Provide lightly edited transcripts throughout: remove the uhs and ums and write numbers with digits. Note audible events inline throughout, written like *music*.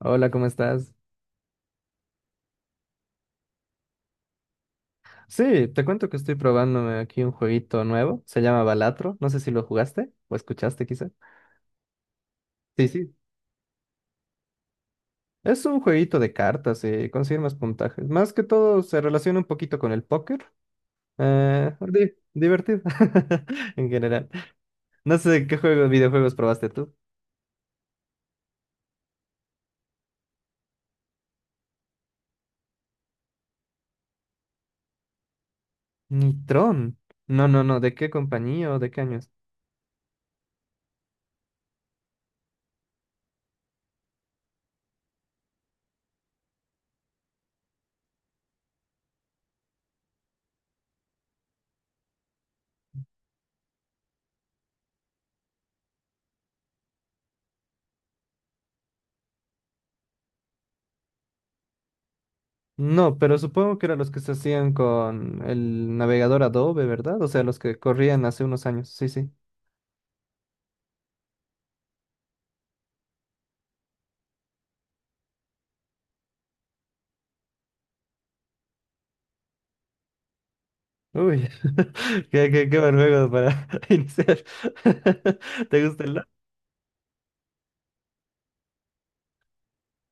Hola, ¿cómo estás? Sí, te cuento que estoy probándome aquí un jueguito nuevo, se llama Balatro, no sé si lo jugaste o escuchaste quizá. Sí, sí. Es un jueguito de cartas y conseguir más puntajes. Más que todo se relaciona un poquito con el póker. Divertido *laughs* en general. No sé qué videojuegos probaste tú. Nitron. No, no, no, ¿de qué compañía o de qué años? No, pero supongo que eran los que se hacían con el navegador Adobe, ¿verdad? O sea, los que corrían hace unos años. Sí, sí. Uy, *laughs* qué buen juego para *laughs* iniciar. *laughs* ¿Te gusta el LoL?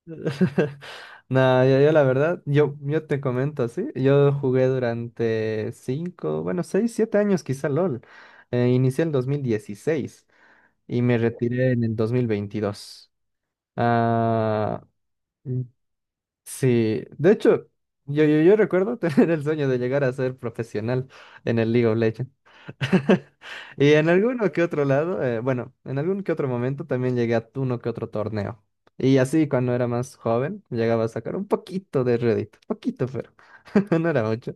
*laughs* No, yo la verdad, yo te comento así, yo jugué durante cinco, bueno, seis, 7 años quizá LOL. Inicié en 2016 y me retiré en el 2022. Ah, mm, sí, de hecho, yo recuerdo *laughs* tener el sueño de llegar a ser profesional en el League of Legends. *laughs* Y en alguno que otro lado, bueno, en algún que otro momento también llegué a uno que otro torneo. Y así cuando era más joven, llegaba a sacar un poquito de Reddit, poquito, pero *laughs* no era mucho.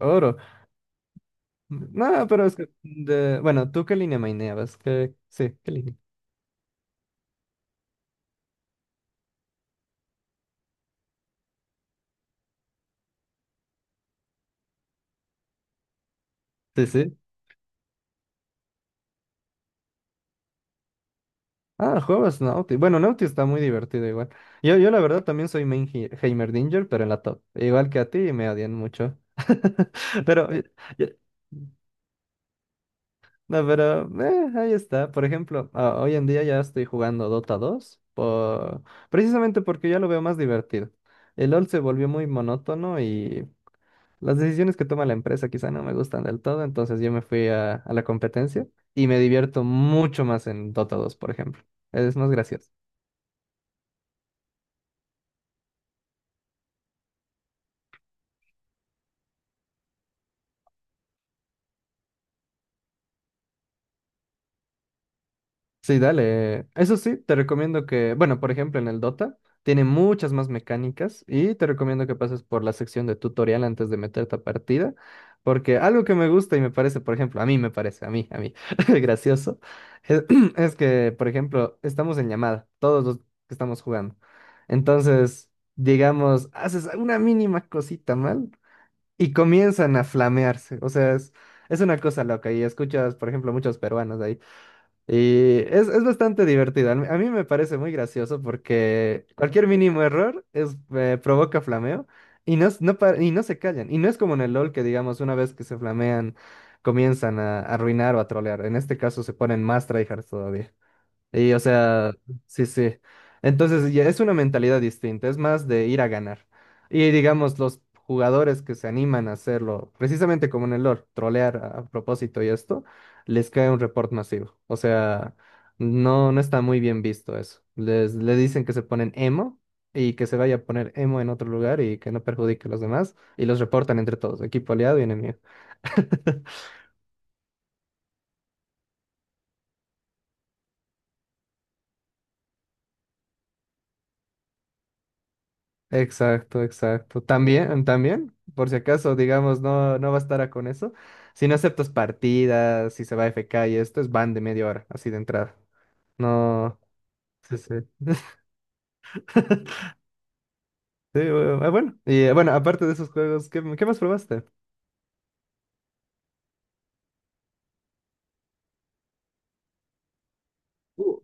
Oro. No, pero es que, bueno, ¿tú qué línea maineabas? Sí, ¿qué línea? Sí, sí. Ah, juegas Nauti. Bueno, Nauti está muy divertido igual. Yo la verdad también soy main Heimerdinger, pero en la top. Igual que a ti, me odian mucho. *laughs* Pero... eh, No, pero ahí está. Por ejemplo, hoy en día ya estoy jugando Dota 2 precisamente porque ya lo veo más divertido. El LoL se volvió muy monótono y las decisiones que toma la empresa quizá no me gustan del todo, entonces yo me fui a la competencia y me divierto mucho más en Dota 2, por ejemplo. Es más gracioso. Sí, dale. Eso sí, te recomiendo que, bueno, por ejemplo, en el Dota tiene muchas más mecánicas y te recomiendo que pases por la sección de tutorial antes de meterte a partida, porque algo que me gusta y me parece, por ejemplo, a mí me parece, *laughs* gracioso, es, *clears throat* es que, por ejemplo, estamos en llamada, todos los que estamos jugando. Entonces, digamos, haces una mínima cosita mal y comienzan a flamearse. O sea, es una cosa loca y escuchas, por ejemplo, muchos peruanos y es bastante divertido. A mí me parece muy gracioso porque cualquier mínimo error es, provoca flameo y no, no, y no se callan. Y no es como en el LOL que, digamos, una vez que se flamean, comienzan a arruinar o a trolear. En este caso se ponen más tryhards todavía. Y o sea, sí, sí. Entonces ya es una mentalidad distinta, es más de ir a ganar. Y digamos, los jugadores que se animan a hacerlo, precisamente como en el LoL, trolear a propósito y esto, les cae un report masivo. O sea, no, no está muy bien visto eso. Le dicen que se ponen emo y que se vaya a poner emo en otro lugar y que no perjudique a los demás y los reportan entre todos, equipo aliado y enemigo. *laughs* Exacto, exacto. También, también, por si acaso, digamos, no, no bastará con eso. Si no aceptas partidas, si se va F K y esto, es ban de media hora, así de entrada. No, sí, sí. *laughs* Sí, bueno, y bueno, aparte de esos juegos, ¿qué, qué más probaste? Uh,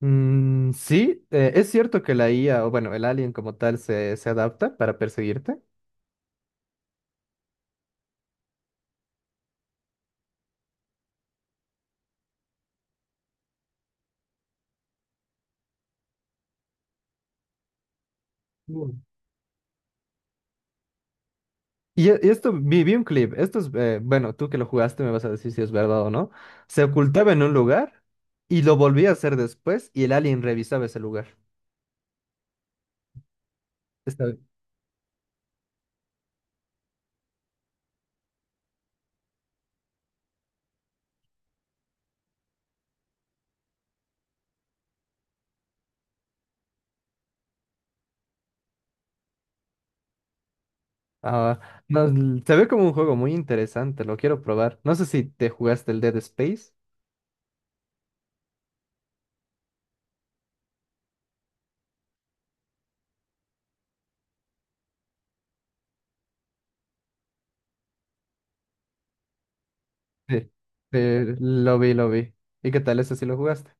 Mm, sí, es cierto que la IA, o bueno, el alien como tal, se adapta para perseguirte. Y esto, vi un clip, esto es, bueno, tú que lo jugaste me vas a decir si es verdad o no. Se ocultaba en un lugar y lo volvía a hacer después y el alien revisaba ese lugar. Está bien. Ah, no, se ve como un juego muy interesante, lo quiero probar. No sé si te jugaste el Dead Space. Sí, lo vi, lo vi. ¿Y qué tal ese si lo jugaste?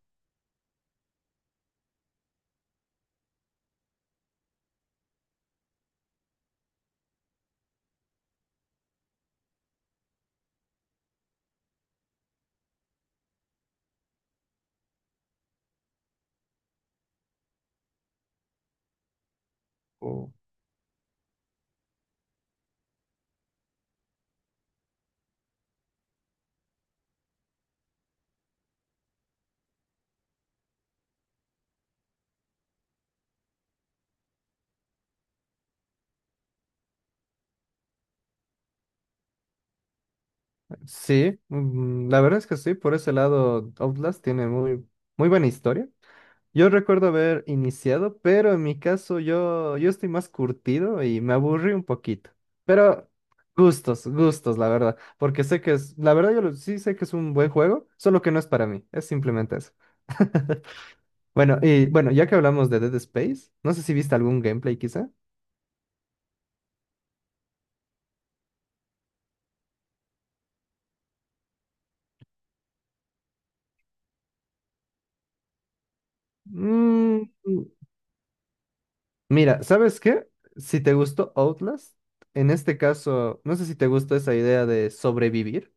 Oh. Sí, mm, la verdad es que sí, por ese lado Outlast tiene muy, muy buena historia. Yo recuerdo haber iniciado, pero en mi caso yo, yo estoy más curtido y me aburrí un poquito. Pero gustos, gustos, la verdad. Porque sé que es, la verdad yo sí sé que es un buen juego, solo que no es para mí. Es simplemente eso. *laughs* Bueno, y bueno, ya que hablamos de Dead Space, no sé si viste algún gameplay quizá. Mm, Mira, ¿sabes qué? Si te gustó Outlast, en este caso, no sé si te gustó esa idea de sobrevivir.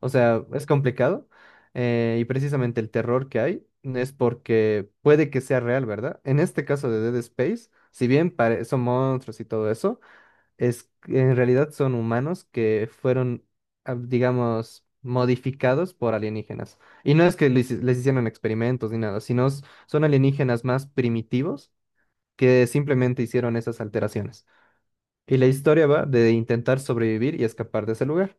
O sea, es complicado. Y precisamente el terror que hay es porque puede que sea real, ¿verdad? En este caso de Dead Space, si bien son monstruos y todo eso, es en realidad son humanos que fueron, ah, digamos, modificados por alienígenas. Y no es que les hicieron experimentos ni nada, sino son alienígenas más primitivos que simplemente hicieron esas alteraciones. Y la historia va de intentar sobrevivir y escapar de ese lugar.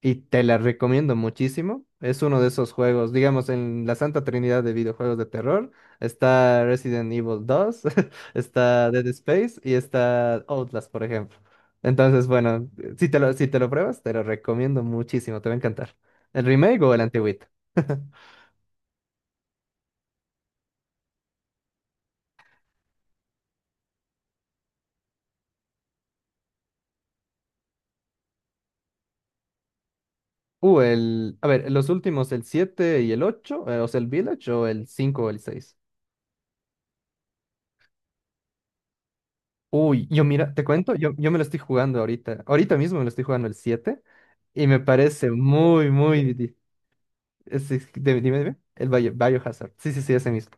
Y te la recomiendo muchísimo. Es uno de esos juegos, digamos, en la Santa Trinidad de videojuegos de terror. Está Resident Evil 2 *laughs* está Dead Space y está Outlast, por ejemplo. Entonces, bueno, si te lo, si te lo pruebas, te lo recomiendo muchísimo, te va a encantar. ¿El remake o el antiguito? *laughs* El, a ver, los últimos, el siete y el 8 o sea, el Village o el 5 o el seis. Uy, yo mira, te cuento, yo me lo estoy jugando ahorita. Ahorita mismo me lo estoy jugando el siete. Y me parece muy, muy... dime, dime, dime. El Biohazard. Sí, sí, sí, ese mismo.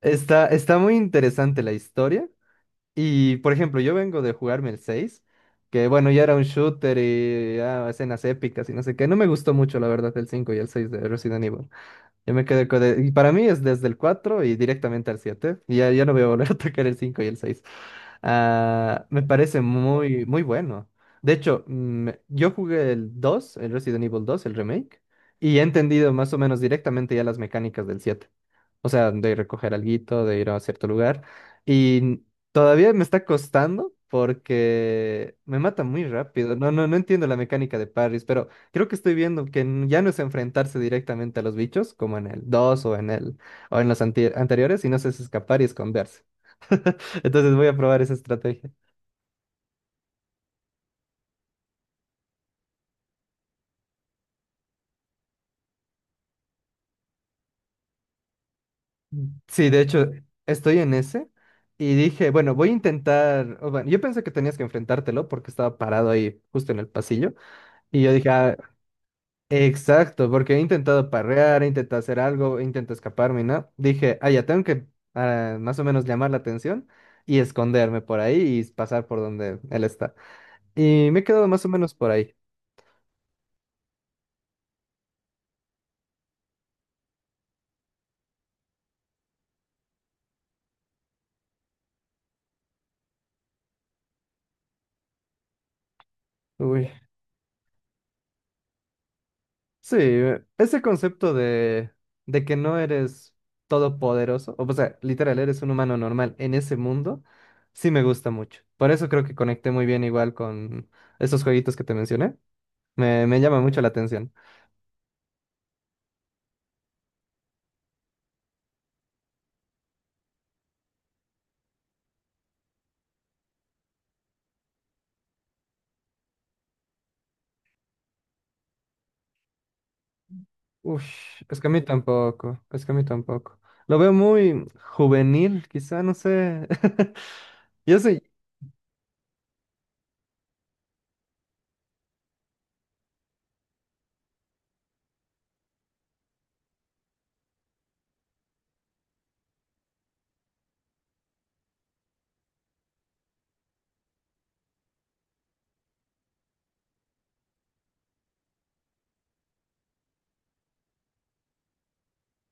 Está, está muy interesante la historia. Y, por ejemplo, yo vengo de jugarme el 6 que bueno, ya era un shooter y ah, escenas épicas y no sé qué. No me gustó mucho, la verdad, el 5 y el 6 de Resident Evil. Yo me quedé con... Y para mí es desde el 4 y directamente al siete. Y ya, ya no voy a volver a *laughs* tocar el 5 y el seis. Ah, me parece muy, muy bueno. De hecho, mm, yo jugué el dos, el Resident Evil dos, el remake, y he entendido más o menos directamente ya las mecánicas del siete. O sea, de recoger alguito, de ir a cierto lugar. Y todavía me está costando porque me mata muy rápido. No, no, no entiendo la mecánica de parries, pero creo que estoy viendo que ya no es enfrentarse directamente a los bichos, como en el 2 o en el o en los anteriores, sino es escapar y esconderse. *laughs* Entonces voy a probar esa estrategia. Sí, de hecho, estoy en ese y dije, bueno, voy a intentar. O bueno, yo pensé que tenías que enfrentártelo porque estaba parado ahí justo en el pasillo. Y yo dije, "Ah, exacto, porque he intentado parrear, he intentado hacer algo, he intentado escaparme, ¿no?". Dije, ya tengo que más o menos llamar la atención y esconderme por ahí y pasar por donde él está. Y me he quedado más o menos por ahí. Uy. Sí, ese concepto de que no eres todopoderoso, o sea, literal, eres un humano normal en ese mundo, sí me gusta mucho. Por eso creo que conecté muy bien igual con esos jueguitos que te mencioné. Me llama mucho la atención. Uff, es que a mí tampoco, es que a mí tampoco. Lo veo muy juvenil, quizá, no sé. *laughs* Yo soy,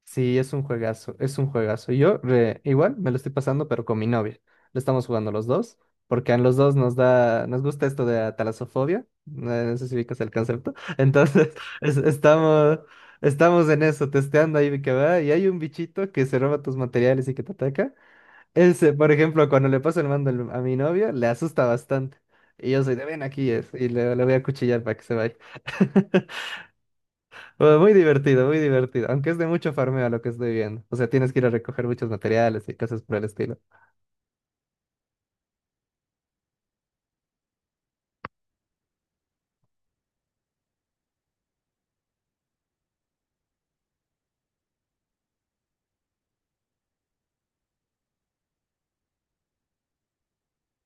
sí, es un juegazo, es un juegazo. Yo igual me lo estoy pasando, pero con mi novia. Lo estamos jugando los dos, porque a los dos nos gusta esto de la talasofobia. No, no sé si ubicas el concepto. *laughs* Entonces, es- estamos, estamos en eso, testeando ahí que va, y hay un bichito que se roba tus materiales y que te ataca. Ese, por ejemplo, cuando le paso el mando a mi novia, le asusta bastante. Y yo soy de ven aquí es, y le voy a cuchillar para que se vaya. *laughs* Bueno, muy divertido, muy divertido. Aunque es de mucho farmeo lo que estoy viendo. O sea, tienes que ir a recoger muchos materiales y cosas por el estilo.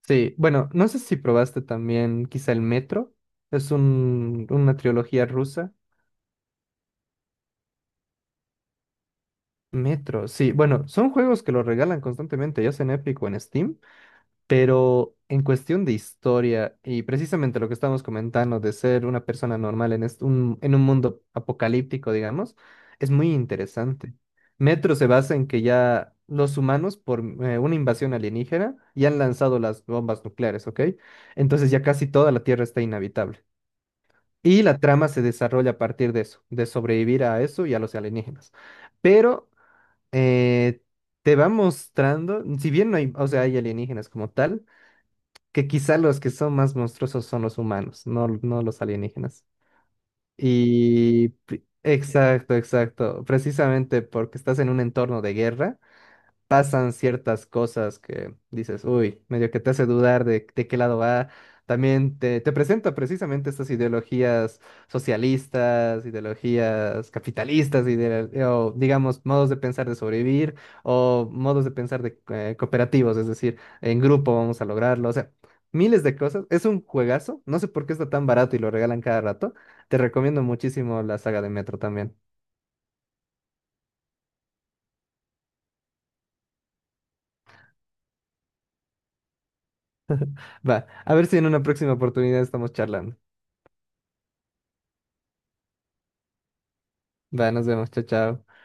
Sí, bueno, no sé si probaste también quizá el Metro. Es un, una trilogía rusa. Metro, sí. Bueno, son juegos que lo regalan constantemente, ya sea en Epic o en Steam. Pero en cuestión de historia y precisamente lo que estamos comentando de ser una persona normal en, en un mundo apocalíptico, digamos, es muy interesante. Metro se basa en que ya los humanos, por una invasión alienígena, ya han lanzado las bombas nucleares, ¿ok? Entonces ya casi toda la Tierra está inhabitable. Y la trama se desarrolla a partir de eso, de sobrevivir a eso y a los alienígenas. Pero eh, te va mostrando, si bien no hay, o sea, hay alienígenas como tal, que quizá los que son más monstruosos son los humanos, no, no los alienígenas. Y exacto, exacto. Precisamente porque estás en un entorno de guerra pasan ciertas cosas que dices, uy, medio que te hace dudar de qué lado va. También te presenta precisamente estas ideologías socialistas, ideologías capitalistas, o digamos, modos de pensar de sobrevivir o modos de pensar de cooperativos, es decir, en grupo vamos a lograrlo, o sea, miles de cosas. Es un juegazo, no sé por qué está tan barato y lo regalan cada rato. Te recomiendo muchísimo la saga de Metro también. Va, a ver si en una próxima oportunidad estamos charlando. Va, nos vemos, chao, chao.